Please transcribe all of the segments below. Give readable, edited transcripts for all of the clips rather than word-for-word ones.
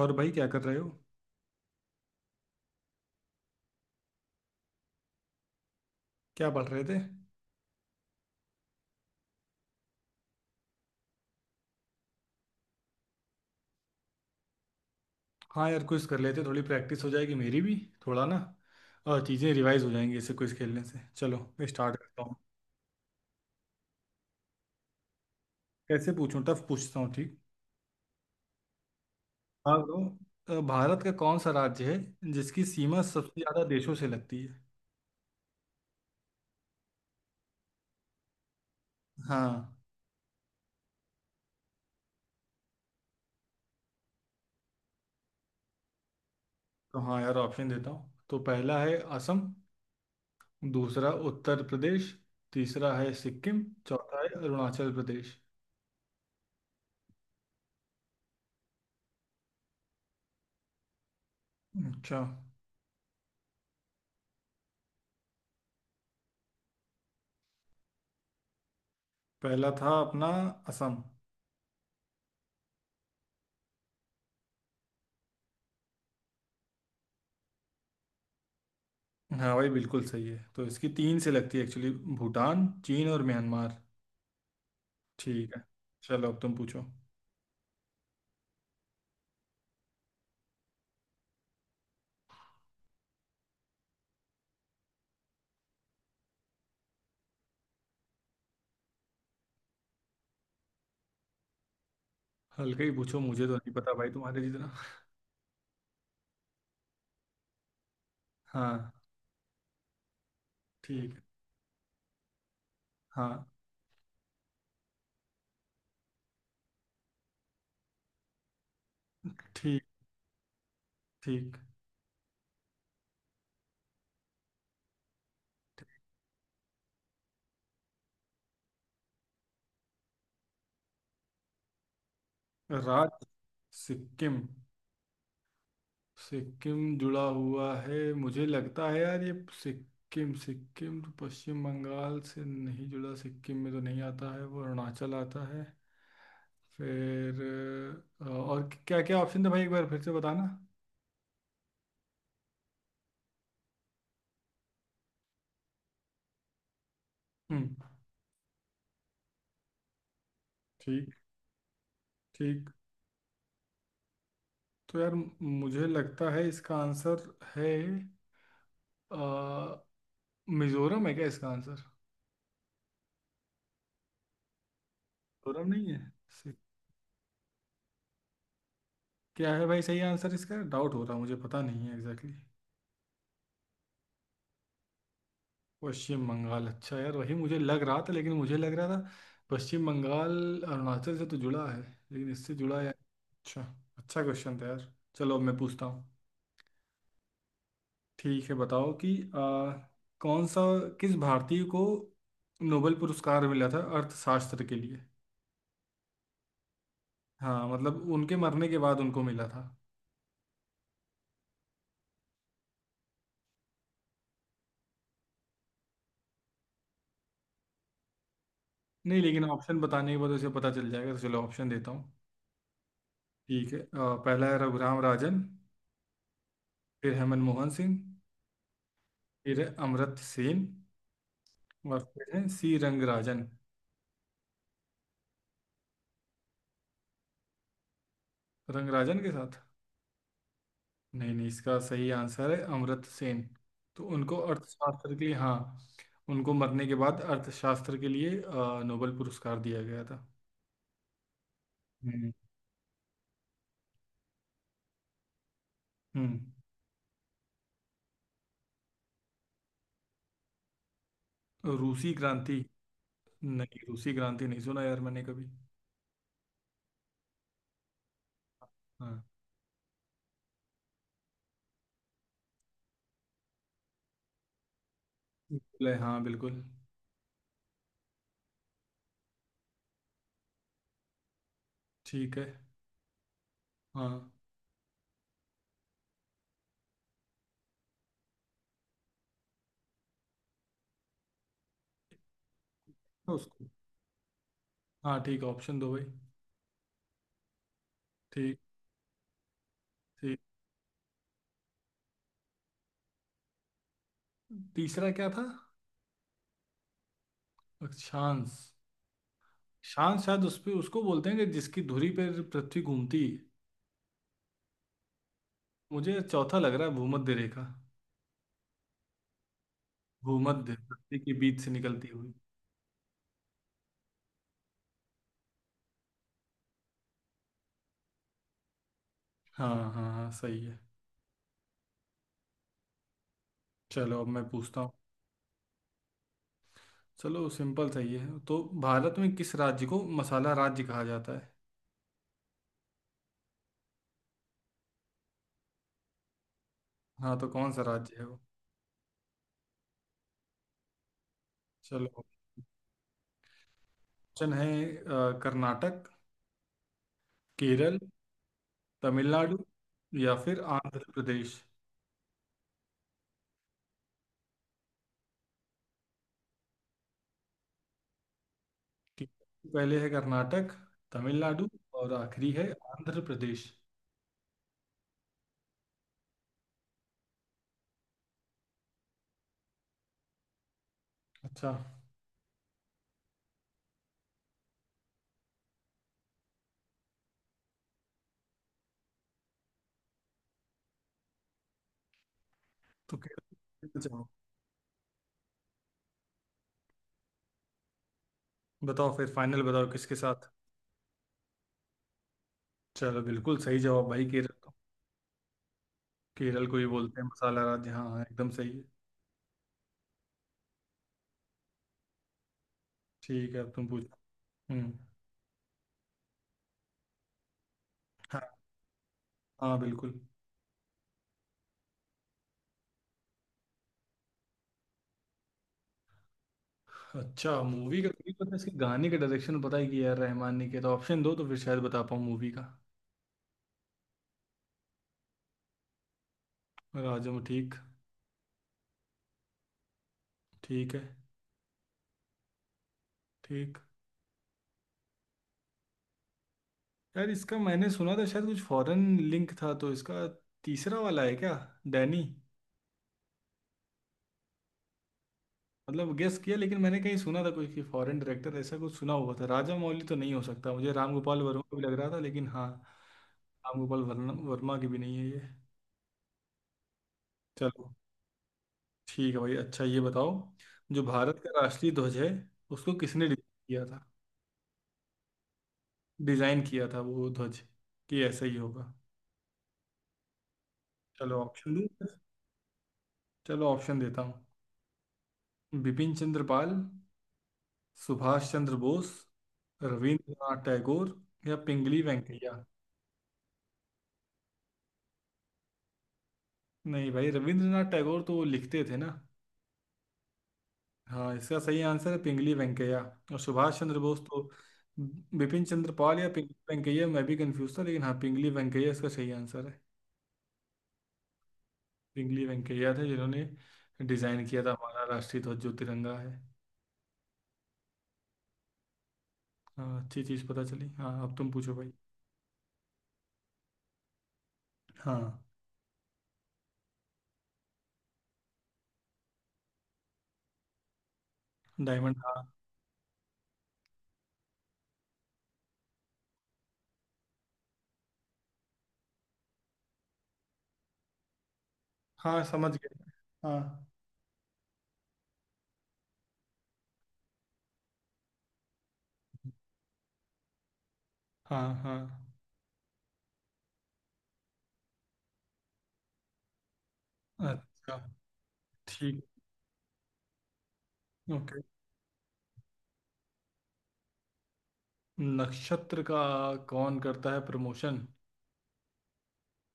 और भाई, क्या कर रहे हो? क्या पढ़ रहे थे? हाँ यार, क्विज कर लेते, थोड़ी प्रैक्टिस हो जाएगी मेरी भी। थोड़ा ना और चीज़ें रिवाइज हो जाएंगी ऐसे क्विज खेलने से। चलो मैं स्टार्ट करता हूँ। कैसे पूछूं? टफ पूछता हूँ, ठीक। हाँ तो, भारत का कौन सा राज्य है जिसकी सीमा सबसे ज़्यादा देशों से लगती है? हाँ। तो हाँ यार, ऑप्शन देता हूँ। तो पहला है असम। दूसरा उत्तर प्रदेश। तीसरा है सिक्किम। चौथा है अरुणाचल प्रदेश। अच्छा। पहला था अपना असम। हाँ भाई, बिल्कुल सही है। तो इसकी तीन से लगती है एक्चुअली, भूटान, चीन और म्यांमार। ठीक है। चलो अब तुम पूछो। हल्का ही पूछो, मुझे तो नहीं पता भाई तुम्हारे जितना। हाँ। ठीक है। हाँ। ठीक। ठीक। राज्य। सिक्किम। सिक्किम जुड़ा हुआ है, मुझे लगता है यार ये। सिक्किम सिक्किम तो पश्चिम बंगाल से नहीं जुड़ा, सिक्किम में तो नहीं आता है वो, अरुणाचल आता है फिर। और क्या क्या ऑप्शन था भाई, एक बार फिर से बताना। हम्म। ठीक। ठीक। तो यार मुझे लगता है इसका आंसर है, अ, मिजोरम है क्या इसका आंसर? मिजोरम नहीं है। सही- क्या है भाई सही आंसर इसका? डाउट हो रहा, मुझे पता नहीं है एग्जैक्टली। पश्चिम बंगाल? अच्छा यार, वही मुझे लग रहा था, लेकिन मुझे लग रहा था पश्चिम बंगाल। अरुणाचल से तो जुड़ा है, लेकिन इससे जुड़ा है। अच्छा। अच्छा क्वेश्चन था यार। चलो अब मैं पूछता हूँ। ठीक है, बताओ कि कौन सा, किस भारतीय को नोबेल पुरस्कार मिला था अर्थशास्त्र के लिए? हाँ मतलब उनके मरने के बाद उनको मिला था। नहीं, लेकिन ऑप्शन बताने के बाद उसे पता चल जाएगा, तो चलो ऑप्शन देता हूँ। ठीक है, पहला है रघुराम राजन। फिर हेमंत मोहन सिंह। फिर है अमर्त्य सेन। और फिर है सी रंगराजन। रंगराजन के साथ? नहीं नहीं, इसका सही आंसर है अमर्त्य सेन। तो उनको अर्थशास्त्र के लिए, हाँ, उनको मरने के बाद अर्थशास्त्र के लिए नोबेल पुरस्कार दिया गया था। हम्म। हम्म। रूसी क्रांति? नहीं, रूसी क्रांति नहीं सुना यार मैंने कभी। हाँ। ले हाँ बिल्कुल। ठीक है। हाँ। उसको। हाँ ठीक, ऑप्शन दो भाई। ठीक। ठीक। तीसरा क्या था? अक्षांश। शांत, शायद उस पे उसको बोलते हैं कि जिसकी धुरी पर पृथ्वी घूमती है। मुझे चौथा लग रहा है, भूमध्य रेखा। भूमध्य, पृथ्वी के बीच से निकलती हुई। हाँ हाँ हाँ, सही है। चलो अब मैं पूछता हूँ। चलो सिंपल सही है, तो भारत में किस राज्य को मसाला राज्य कहा जाता है? हाँ, तो कौन सा राज्य है वो? चलो, ऑप्शन है कर्नाटक, केरल, तमिलनाडु, या फिर आंध्र प्रदेश। ठीक है, पहले है कर्नाटक, तमिलनाडु, और आखिरी है आंध्र प्रदेश। अच्छा। तो केरल जाओ। बताओ फिर, फाइनल बताओ किसके साथ। चलो बिल्कुल सही जवाब भाई, केरल को, केरल को ही बोलते हैं मसाला राज्य। हाँ हाँ, एकदम सही है। ठीक है, अब तुम पूछो। हम्म। हाँ। हाँ बिल्कुल। अच्छा मूवी का मुझे पता है, इसके गाने का डायरेक्शन पता है कि यार रहमान ने किया था। ऑप्शन दो तो फिर शायद बता पाऊँ मूवी का। राजा। ठीक। ठीक है। ठीक। यार इसका मैंने सुना था, शायद कुछ फॉरेन लिंक था तो इसका। तीसरा वाला है क्या, डैनी? मतलब गेस किया, लेकिन मैंने कहीं सुना था कोई कि फॉरेन डायरेक्टर, ऐसा कुछ सुना हुआ था। राजा मौली तो नहीं हो सकता मुझे। राम गोपाल वर्मा भी लग रहा था लेकिन, हाँ। राम गोपाल वर्मा वर्मा की भी नहीं है ये। चलो। ठीक है भाई, अच्छा ये बताओ, जो भारत का राष्ट्रीय ध्वज है उसको किसने डिजाइन किया था? डिजाइन किया था वो ध्वज, कि ऐसा ही होगा। चलो ऑप्शन दूँ, चलो ऑप्शन देता हूँ। बिपिन चंद्र पाल, सुभाष चंद्र बोस, रविंद्रनाथ टैगोर, या पिंगली वेंकैया। नहीं भाई, रविंद्रनाथ टैगोर तो वो लिखते थे ना। हाँ, इसका सही आंसर है पिंगली वेंकैया। और सुभाष चंद्र बोस तो, बिपिन चंद्र पाल या पिंगली वेंकैया मैं भी कंफ्यूज था, लेकिन हाँ, पिंगली वेंकैया इसका सही आंसर है। पिंगली वेंकैया थे जिन्होंने डिजाइन किया था हमारा राष्ट्रीय ध्वज जो तिरंगा है। हाँ, अच्छी चीज पता चली। हाँ, अब तुम पूछो भाई। हाँ। डायमंड, हाँ। हाँ, समझ गए। हाँ। हाँ हाँ अच्छा। ठीक। ओके। नक्षत्र का कौन करता है प्रमोशन?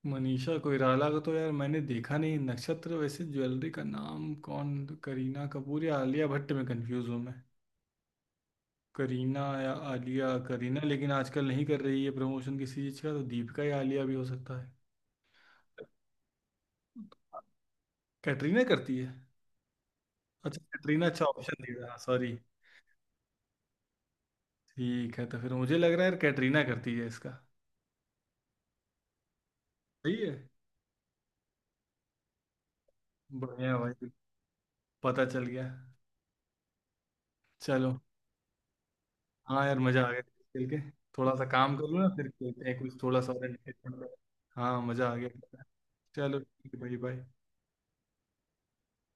मनीषा कोइराला का तो यार मैंने देखा नहीं नक्षत्र, वैसे ज्वेलरी का नाम। कौन, करीना कपूर या आलिया भट्ट में कंफ्यूज हूँ मैं। करीना या आलिया, करीना लेकिन आजकल नहीं कर रही है प्रमोशन किसी चीज़ का, तो दीपिका या आलिया भी हो सकता है। कैटरीना करती है? अच्छा कैटरीना, अच्छा ऑप्शन दे रहा, सॉरी। ठीक है, तो फिर मुझे लग रहा है यार कैटरीना करती है इसका। सही है। बढ़िया भाई, पता चल गया। चलो। हाँ यार मजा आ गया खेल के। थोड़ा सा काम कर लो ना, फिर खेलते हैं कुछ थोड़ा सा और entertainment करें। हाँ, मजा आ गया। चलो ठीक है भाई, बाय।